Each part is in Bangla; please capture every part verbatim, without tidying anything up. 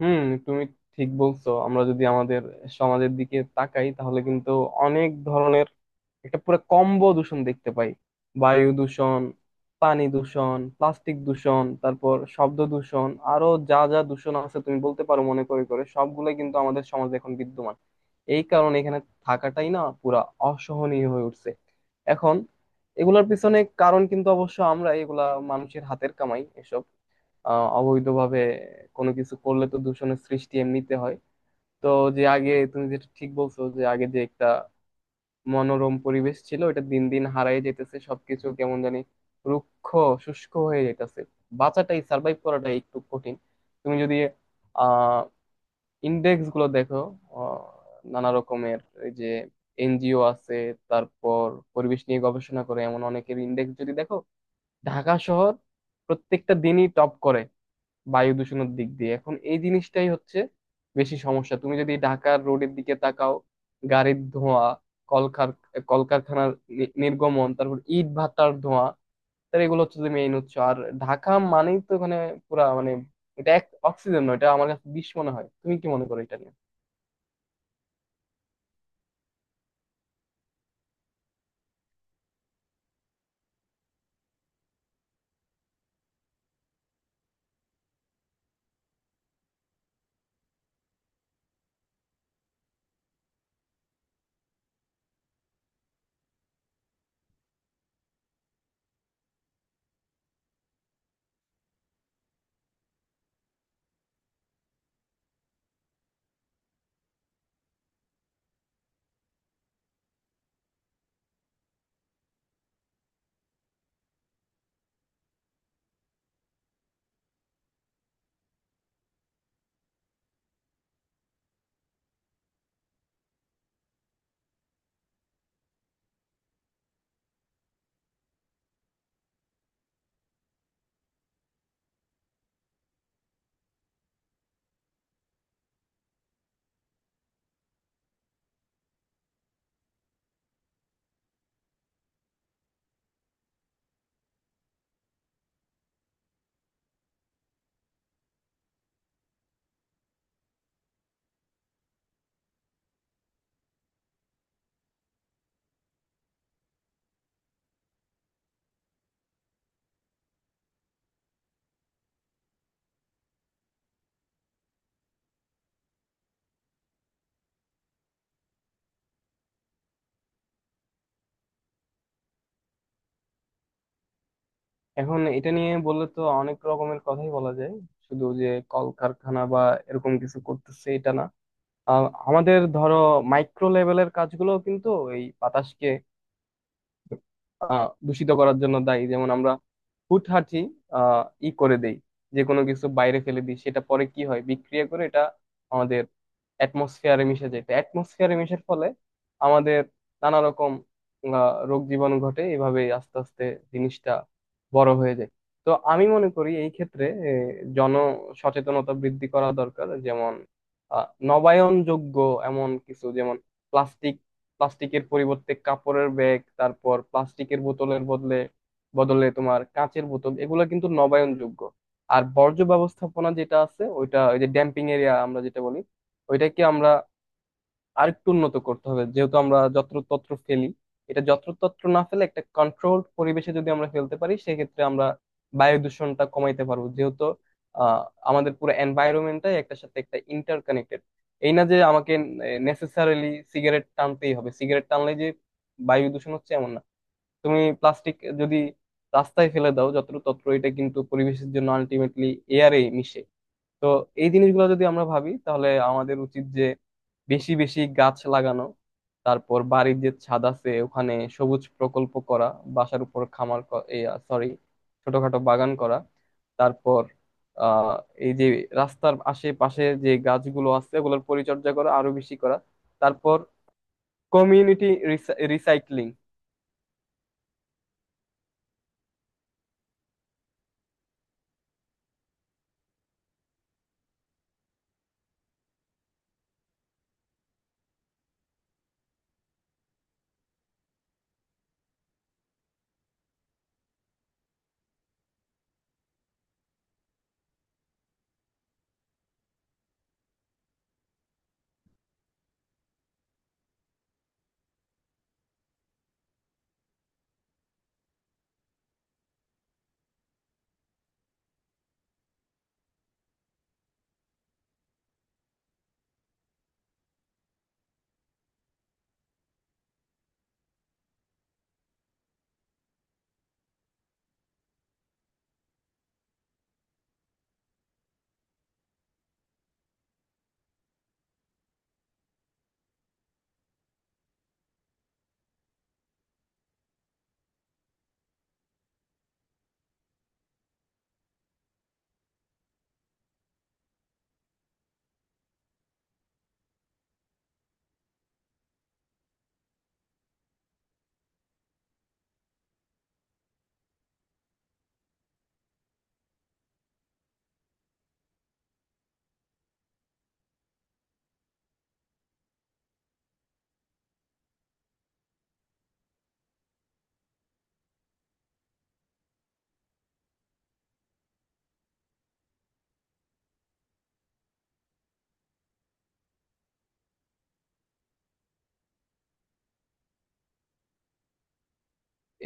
হুম। তুমি ঠিক বলছো, আমরা যদি আমাদের সমাজের দিকে তাকাই তাহলে কিন্তু অনেক ধরনের একটা পুরো কম্বো দূষণ দেখতে পাই। বায়ু দূষণ, পানি দূষণ, প্লাস্টিক দূষণ, তারপর শব্দ দূষণ, আরো যা যা দূষণ আছে তুমি বলতে পারো মনে করে করে, সবগুলোই কিন্তু আমাদের সমাজে এখন বিদ্যমান। এই কারণে এখানে থাকাটাই না পুরা অসহনীয় হয়ে উঠছে। এখন এগুলার পিছনে কারণ কিন্তু অবশ্য আমরা এগুলা মানুষের হাতের কামাই এসব। আহ, অবৈধভাবে কোনো কিছু করলে তো দূষণের সৃষ্টি এমনিতে হয়। তো যে আগে তুমি যেটা ঠিক বলছো, যে আগে যে একটা মনোরম পরিবেশ ছিল, এটা দিন দিন হারায় যেতেছে। সবকিছু কেমন জানি রুক্ষ শুষ্ক হয়ে যেতেছে। বাঁচাটাই, সার্ভাইভ করাটাই একটু কঠিন। তুমি যদি আহ ইন্ডেক্স গুলো দেখো, আহ, নানা রকমের এই যে এনজিও আছে, তারপর পরিবেশ নিয়ে গবেষণা করে এমন অনেকের ইন্ডেক্স যদি দেখো, ঢাকা শহর প্রত্যেকটা দিনই টপ করে বায়ু দূষণের দিক দিয়ে। এখন এই জিনিসটাই হচ্ছে বেশি সমস্যা। তুমি যদি ঢাকার রোডের দিকে তাকাও, গাড়ির ধোঁয়া, কলকার কলকারখানার নি- নির্গমন, তারপর ইট ভাটার ধোঁয়া, তাহলে এগুলো হচ্ছে মেইন উৎস। আর ঢাকা মানেই তো এখানে পুরা মানে এটা এক অক্সিজেন নয়, এটা আমার কাছে বিষ মনে হয়। তুমি কি মনে করো এটা নিয়ে? এখন এটা নিয়ে বললে তো অনেক রকমের কথাই বলা যায়। শুধু যে কলকারখানা বা এরকম কিছু করতেছে এটা না। আ- আমাদের ধরো মাইক্রো লেভেলের কাজগুলো কিন্তু এই বাতাসকে আহ দূষিত করার জন্য দায়ী। যেমন আমরা হুটহাঁটি আহ ই করে দেই, যে কোনো কিছু বাইরে ফেলে দিই, সেটা পরে কি হয় বিক্রিয়া করে এটা আমাদের অ্যাটমসফিয়ারে মিশে যায়। তো অ্যাটমসফিয়ারে মিশার ফলে আমাদের নানা রকম আহ, রোগ জীবাণু ঘটে। এভাবে আস্তে আস্তে জিনিসটা বড় হয়ে যায়। তো আমি মনে করি এই ক্ষেত্রে এ, জন সচেতনতা বৃদ্ধি করা দরকার। যেমন আহ, নবায়নযোগ্য এমন কিছু, যেমন প্লাস্টিক, প্লাস্টিকের পরিবর্তে কাপড়ের ব্যাগ, তারপর প্লাস্টিকের বোতলের বদলে বদলে তোমার কাঁচের বোতল। এগুলো কিন্তু নবায়নযোগ্য। আর বর্জ্য ব্যবস্থাপনা যেটা আছে, ওইটা ওই যে ড্যাম্পিং এরিয়া আমরা যেটা বলি, ওইটাকে আমরা আরেকটু উন্নত করতে হবে। যেহেতু আমরা যত্রতত্র ফেলি, এটা যত্রতত্র না ফেলে একটা কন্ট্রোলড পরিবেশে যদি আমরা ফেলতে পারি, সেক্ষেত্রে আমরা বায়ু দূষণটা কমাইতে পারবো। যেহেতু আহ আমাদের পুরো এনভায়রনমেন্টটাই একটা সাথে একটা ইন্টারকানেক্টেড। এই না যে আমাকে নেসেসারিলি সিগারেট টানতেই হবে, সিগারেট টানলে যে বায়ু দূষণ হচ্ছে এমন না। তুমি প্লাস্টিক যদি রাস্তায় ফেলে দাও যত্রতত্র, এটা কিন্তু পরিবেশের জন্য আলটিমেটলি এয়ারে মিশে। তো এই জিনিসগুলো যদি আমরা ভাবি, তাহলে আমাদের উচিত যে বেশি বেশি গাছ লাগানো, তারপর বাড়ির যে ছাদ আছে ওখানে সবুজ প্রকল্প করা, বাসার উপর খামার, সরি, ছোটখাটো বাগান করা, তারপর আহ এই যে রাস্তার আশেপাশে যে গাছগুলো আছে ওগুলোর পরিচর্যা করা আরো বেশি করা, তারপর কমিউনিটি রিসাইক্লিং।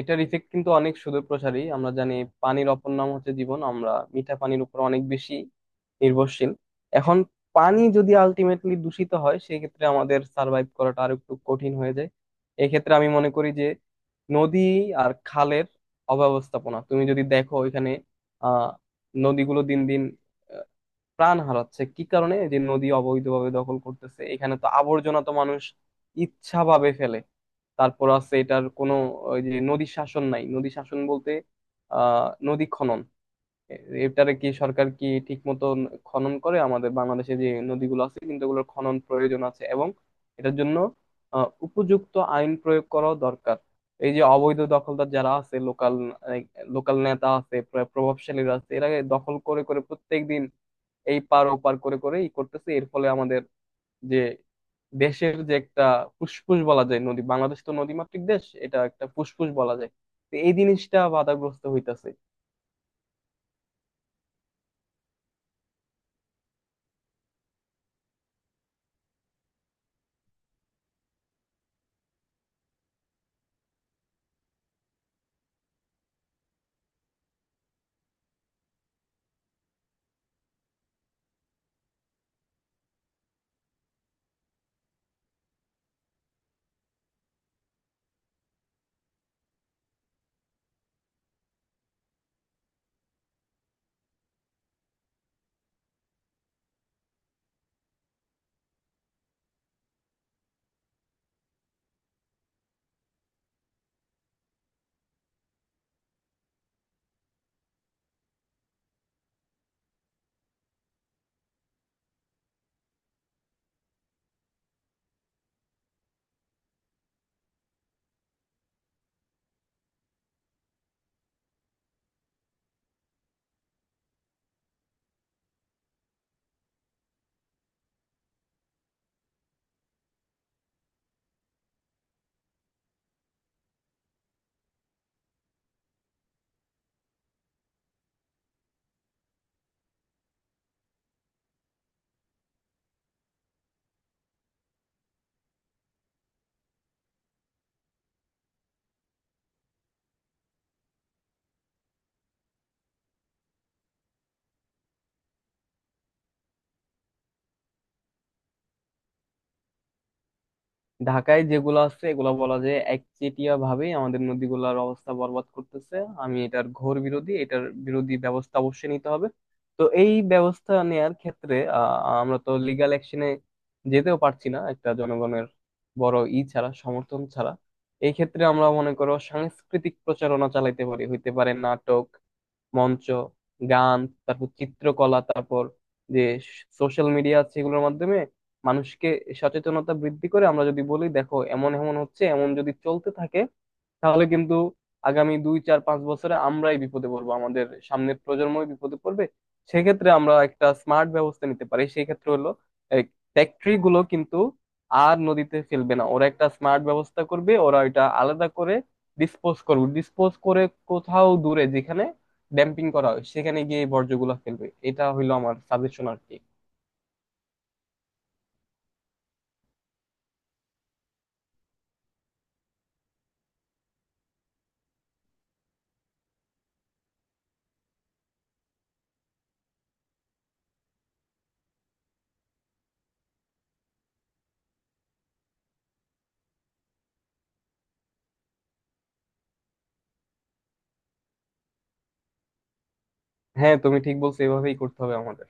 এটার ইফেক্ট কিন্তু অনেক সুদূরপ্রসারী। আমরা জানি পানির অপর নাম হচ্ছে জীবন। আমরা মিঠা পানির উপর অনেক বেশি নির্ভরশীল। এখন পানি যদি আলটিমেটলি দূষিত হয়, সেক্ষেত্রে আমাদের সার্ভাইভ করাটা আর একটু কঠিন হয়ে যায়। এক্ষেত্রে আমি মনে করি যে নদী আর খালের অব্যবস্থাপনা তুমি যদি দেখো ওইখানে, আহ নদীগুলো দিন দিন আহ, প্রাণ হারাচ্ছে। কি কারণে? এই যে নদী অবৈধভাবে দখল করতেছে, এখানে তো আবর্জনা তো মানুষ ইচ্ছাভাবে ফেলে। তারপর আছে এটার কোনো ওই যে নদী শাসন নাই। নদী শাসন বলতে আহ নদী খনন। এ- এটারে কি সরকার কি ঠিক মতো খনন করে? আমাদের বাংলাদেশে যে নদীগুলো আছে কিন্তু এগুলোর খনন প্রয়োজন আছে এবং এটার জন্য আহ, উপযুক্ত আইন প্রয়োগ করা দরকার। এই যে অবৈধ দখলদার যারা আছে, লোকাল লোকাল নেতা আছে, প্র- প্রভাবশালীরা আছে। এরা দখল করে করে প্রত্যেকদিন এই পার ওপার করে করে ই করতেছে। এর ফলে আমাদের যে দেশের যে একটা ফুসফুস বলা যায় নদী, বাংলাদেশ তো নদীমাতৃক দেশ, এটা একটা ফুসফুস বলা যায়। তো এই জিনিসটা বাধাগ্রস্ত হইতাছে। ঢাকায় যেগুলো আছে এগুলো বলা যায় একচেটিয়া ভাবে আমাদের নদীগুলোর অবস্থা বরবাদ করতেছে। আমি এটার ঘোর বিরোধী। এটার বিরোধী ব্যবস্থা অবশ্যই নিতে হবে। তো এই ব্যবস্থা নেয়ার ক্ষেত্রে আহ, আমরা তো লিগ্যাল অ্যাকশনে যেতেও পারছি না একটা জনগণের বড় ই ছাড়া, সমর্থন ছাড়া। এই ক্ষেত্রে আমরা মনে করো সাংস্কৃতিক প্রচারণা চালাইতে পারি, হইতে পারে নাটক, মঞ্চ, গান, তারপর চিত্রকলা, তারপর যে সোশ্যাল মিডিয়া আছে এগুলোর মাধ্যমে মানুষকে সচেতনতা বৃদ্ধি করে আমরা যদি বলি দেখো এমন এমন হচ্ছে, এমন যদি চলতে থাকে তাহলে কিন্তু আগামী দুই চার পাঁচ বছরে আমরাই বিপদে পড়বো, আমাদের সামনের প্রজন্মই বিপদে পড়বে। সেক্ষেত্রে আমরা একটা স্মার্ট ব্যবস্থা নিতে পারি, সেই ক্ষেত্রে হলো ফ্যাক্টরি গুলো কিন্তু আর নদীতে ফেলবে না, ওরা একটা স্মার্ট ব্যবস্থা করবে। ওরা এটা আলাদা করে ডিসপোজ করবে। ডিসপোজ করে কোথাও দূরে যেখানে ড্যাম্পিং করা হয় সেখানে গিয়ে এই বর্জ্যগুলা ফেলবে। এটা হইলো আমার সাজেশন আর কি। হ্যাঁ, তুমি ঠিক বলছো, এভাবেই করতে হবে আমাদের।